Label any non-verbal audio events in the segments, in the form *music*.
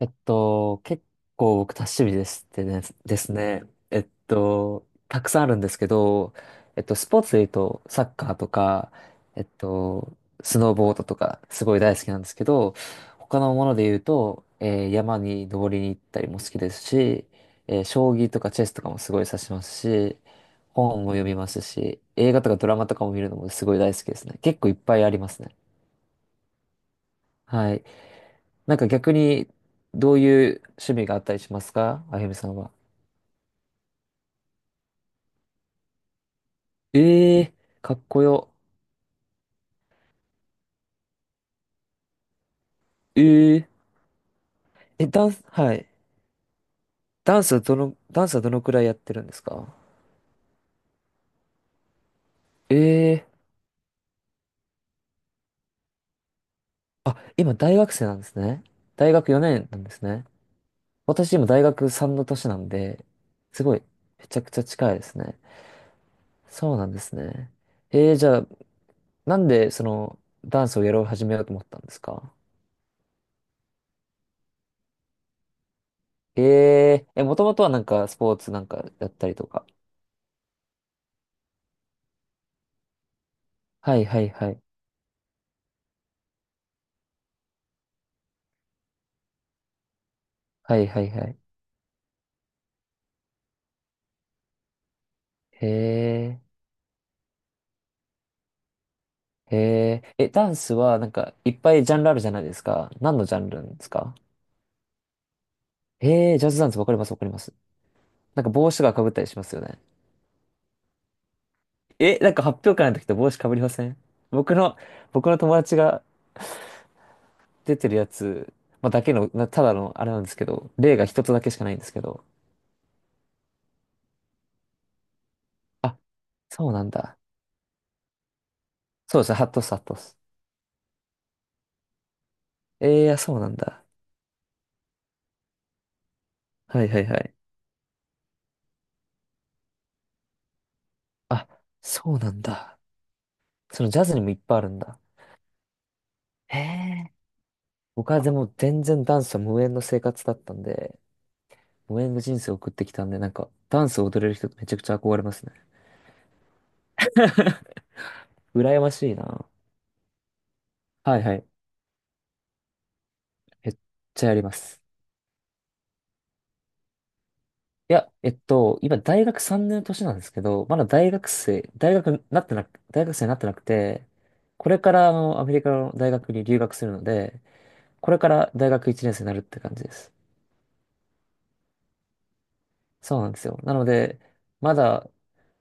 結構僕多趣味ですね。たくさんあるんですけど、スポーツで言うと、サッカーとか、えっと、スノーボードとか、すごい大好きなんですけど、他のもので言うと、山に登りに行ったりも好きですし、将棋とかチェスとかもすごい指しますし、本も読みますし、映画とかドラマとかも見るのもすごい大好きですね。結構いっぱいありますね。はい。なんか逆に、どういう趣味があったりしますか、あゆみさんは。ええー、かっこよ。えええ、ダンス、はい。ダンスはどのくらいやってるんですか？ええー、あ、今大学生なんですね。大学4年なんですね。私今大学3の年なんで、すごい、めちゃくちゃ近いですね。そうなんですね。ええ、じゃあ、なんでその、ダンスをやろう始めようと思ったんですか？えええ、もともとはなんかスポーツなんかやったりとか。はいはいはい。はいはいはい。へえ、へえ。え、ダンスはなんかいっぱいジャンルあるじゃないですか。何のジャンルなんですか？へえ、ジャズダンス、わかりますわかります。なんか帽子がかぶったりしますよね。え、なんか発表会の時と帽子かぶりません？僕の、僕の友達が出てるやつ、まあ、だけの、なただのあれなんですけど、例が一つだけしかないんですけど。あ、そうなんだ。そうですね、ハットス、ハットス。ええ、そうなんだ。はいはいはい。あ、そうなんだ。そのジャズにもいっぱいあるんだ。へえ。僕はでも全然ダンスは無縁の生活だったんで、無縁の人生を送ってきたんで、なんか、ダンスを踊れる人ってめちゃくちゃ憧れますね。羨ましいな。はいはい。めっちゃやります。いや、今大学3年の年なんですけど、まだ大学生、大学になってなく、大学生になってなくて、これからアメリカの大学に留学するので、これから大学1年生になるって感じです。そうなんですよ。なので、まだ、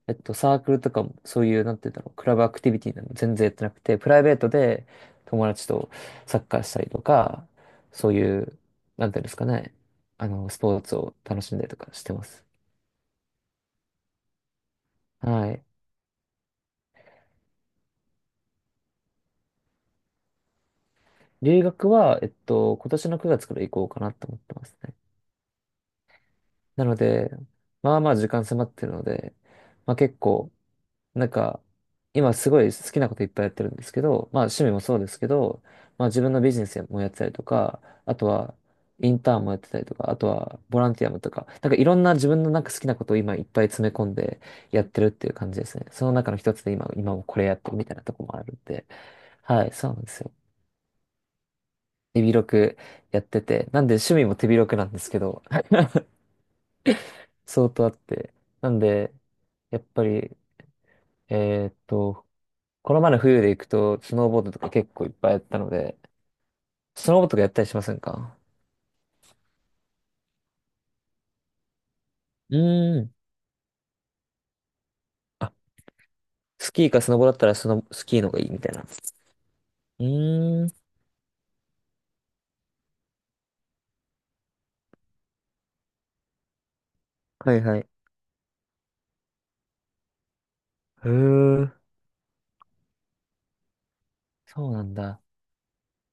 サークルとかも、そういう、なんて言うんだろう、クラブアクティビティなど全然やってなくて、プライベートで友達とサッカーしたりとか、そういう、なんていうんですかね、スポーツを楽しんだりとかしてます。はい。留学は、今年の9月から行こうかなと思ってますね。なので、まあまあ時間迫ってるので、まあ結構、なんか、今すごい好きなこといっぱいやってるんですけど、まあ趣味もそうですけど、まあ自分のビジネスもやってたりとか、あとはインターンもやってたりとか、あとはボランティアもとか、なんかいろんな自分のなんか好きなことを今いっぱい詰め込んでやってるっていう感じですね。その中の一つで今もこれやってるみたいなとこもあるんで、はい、そうなんですよ。手広くやってて、なんで趣味も手広くなんですけど、*laughs* 相当あって。なんで、やっぱり、えーっと、この前の冬で行くと、スノーボードとか結構いっぱいやったので、スノーボードとかやったりしませんか？うーん。あ、スキーかスノボだったらスキーの方がいいみたいな。うーん。はいはい。へえ、そうなんだ。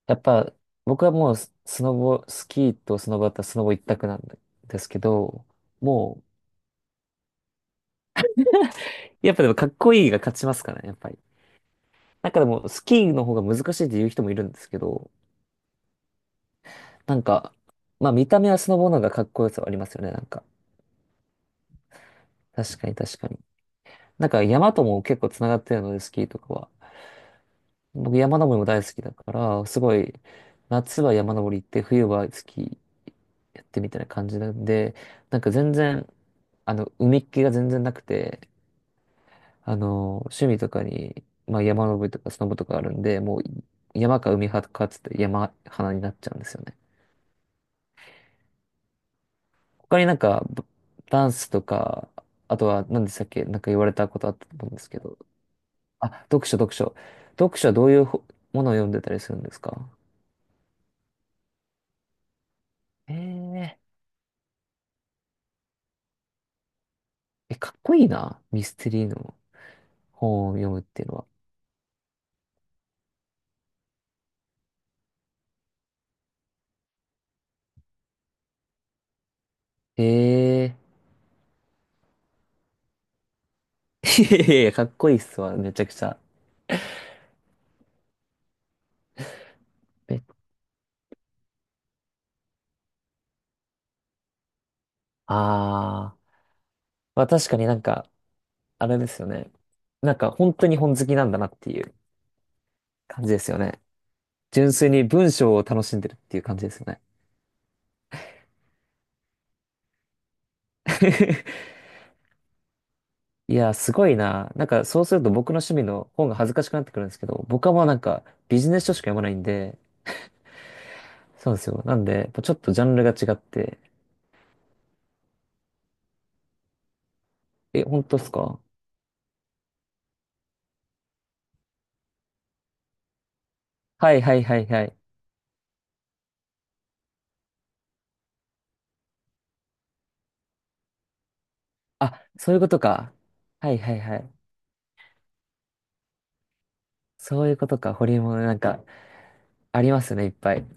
やっぱ、僕はもうスノボ、スキーとスノボだったらスノボ一択なんですけど、もう、やっぱでもかっこいいが勝ちますからね、やっぱり。なんかでも、スキーの方が難しいって言う人もいるんですけど、なんか、まあ見た目はスノボの方がかっこよさはありますよね、なんか。確かに確かに。なんか山とも結構つながってるので、スキーとかは。僕山登りも大好きだから、すごい、夏は山登り行って、冬はスキーやってみたいな感じなんで、なんか全然、海っ気が全然なくて、趣味とかに、まあ山登りとかスノボとかあるんで、もう山か海派かっつって山派になっちゃうんですよね。他になんか、ダンスとか、あとは何でしたっけ、なんか言われたことあったと思うんですけど、あ、読書、読書。読書はどういうものを読んでたりするんですか？えええ、かっこいいな。ミステリーの本を読むっていうのは。ええ *laughs* いやいやいや、かっこいいっすわ、めちゃくちゃ。え、あー。まあ確かになんか、あれですよね。なんか本当に本好きなんだなっていう感じですよね。純粋に文章を楽しんでるっていう感じですよね。*laughs* いや、すごいな。なんかそうすると僕の趣味の本が恥ずかしくなってくるんですけど、僕はもうなんかビジネス書しか読まないんで、そうですよ。なんで、やっぱちょっとジャンルが違って。え、本当っすか？はいはいはいはい。あ、そういうことか。はいはいはい。そういうことか。ホリエモンなんか、ありますね、いっぱい。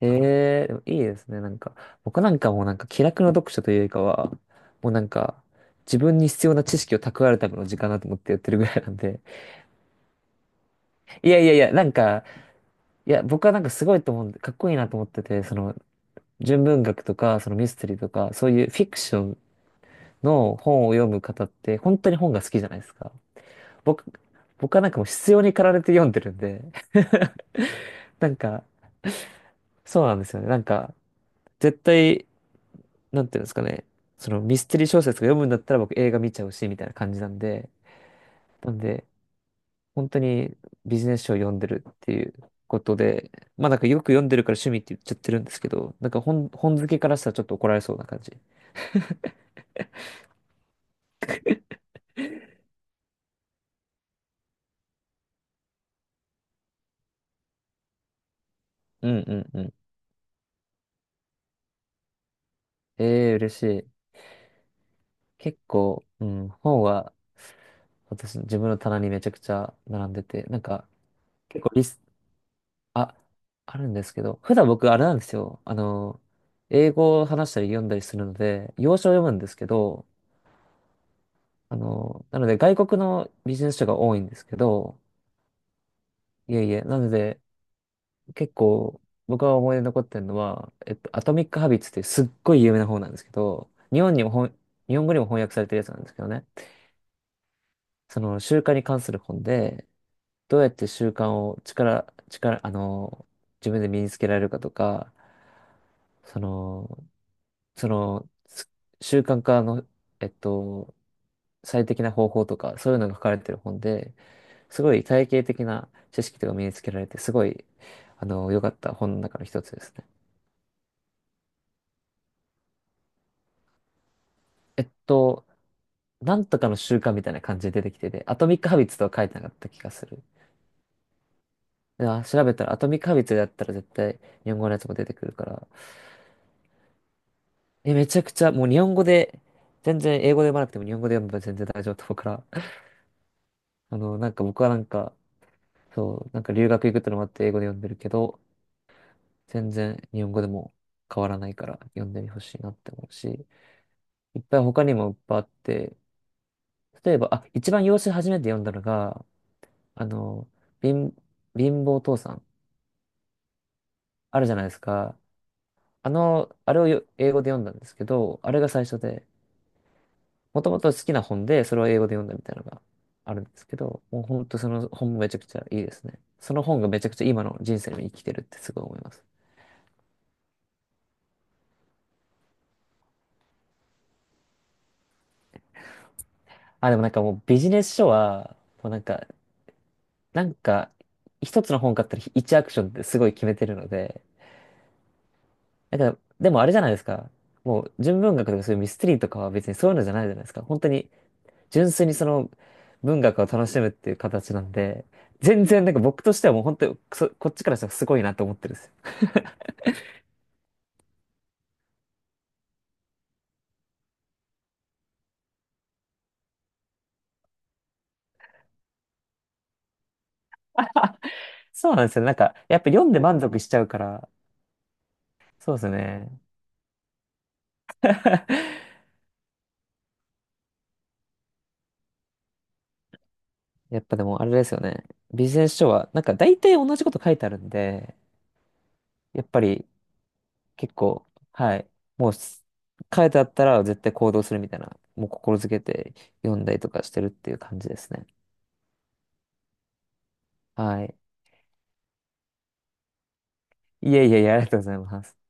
ええ、でもいいですね。なんか、僕なんかもうなんか気楽な読書というよりかは、もうなんか、自分に必要な知識を蓄えるための時間だと思ってやってるぐらいなんで。いやいやいや、なんか、いや、僕はなんかすごいと思うんで、かっこいいなと思ってて、その、純文学とか、そのミステリーとか、そういうフィクションの本を読む方って本当に本が好きじゃないですか。僕、僕はなんかもう必要に駆られて読んでるんで *laughs* なんか、そうなんですよね。なんか、絶対、なんていうんですかね。そのミステリー小説が読むんだったら僕映画見ちゃうし、みたいな感じなんで。なんで、本当にビジネス書を読んでるっていうことで、まあなんかよく読んでるから趣味って言っちゃってるんですけど、なんか本好きからしたらちょっと怒られそうな感じ。うんうんうん。ええ嬉しい。結構、うん、本は私の自分の棚にめちゃくちゃ並んでて、なんか、結構リス、あ、あるんですけど、普段僕あれなんですよ。英語を話したり読んだりするので、洋書を読むんですけど、なので外国のビジネス書が多いんですけど、いえいえ、なので結構僕が思い出に残ってるのは、アトミック・ハビッツっていうすっごい有名な本なんですけど、日本語にも翻訳されてるやつなんですけどね、その習慣に関する本で、どうやって習慣を力、力、自分で身につけられるかとか、その、その、す習慣化の、えっと、最適な方法とか、そういうのが書かれてる本で、すごい体系的な知識とか身につけられて、すごい、あの、良かった本の中の一つですね。えっと、なんとかの習慣みたいな感じで出てきてて、アトミックハビッツとは書いてなかった気がする。あ調べたら、アトミックハビッツだったら絶対日本語のやつも出てくるから、え、めちゃくちゃ、もう日本語で、全然英語で読まなくても日本語で読めば全然大丈夫と思うから、*laughs* なんか僕はなんか、そう、なんか留学行くってのもあって英語で読んでるけど、全然日本語でも変わらないから読んでみほしいなって思うし、いっぱい他にもいっぱいあって、例えば、あ、一番洋書初めて読んだのが、あの、貧、貧乏父さん、あるじゃないですか。あの、あれをよ英語で読んだんですけど、あれが最初で、もともと好きな本で、それを英語で読んだみたいなのがあるんですけど、もう本当その本もめちゃくちゃいいですね。その本がめちゃくちゃ今の人生に生きてるってすごい思います。あ、でもなんかもうビジネス書は、もうなんか、なんか、一つの本買ったら一アクションってすごい決めてるので、なんか、でもあれじゃないですか。もう純文学とかそういうミステリーとかは別にそういうのじゃないじゃないですか。本当に純粋にその文学を楽しむっていう形なんで、全然なんか僕としてはもう本当にそこっちからしたらすごいなと思ってるんですよ。*laughs* そうなんですよ。なんか、やっぱ読んで満足しちゃうから、そうですね。*laughs* やっぱでもあれですよね。ビジネス書は、なんか大体同じこと書いてあるんで、やっぱり結構、はい。もうす書いてあったら絶対行動するみたいな、もう心づけて読んだりとかしてるっていう感じですね。はい。いえいえいえ、ありがとうございます。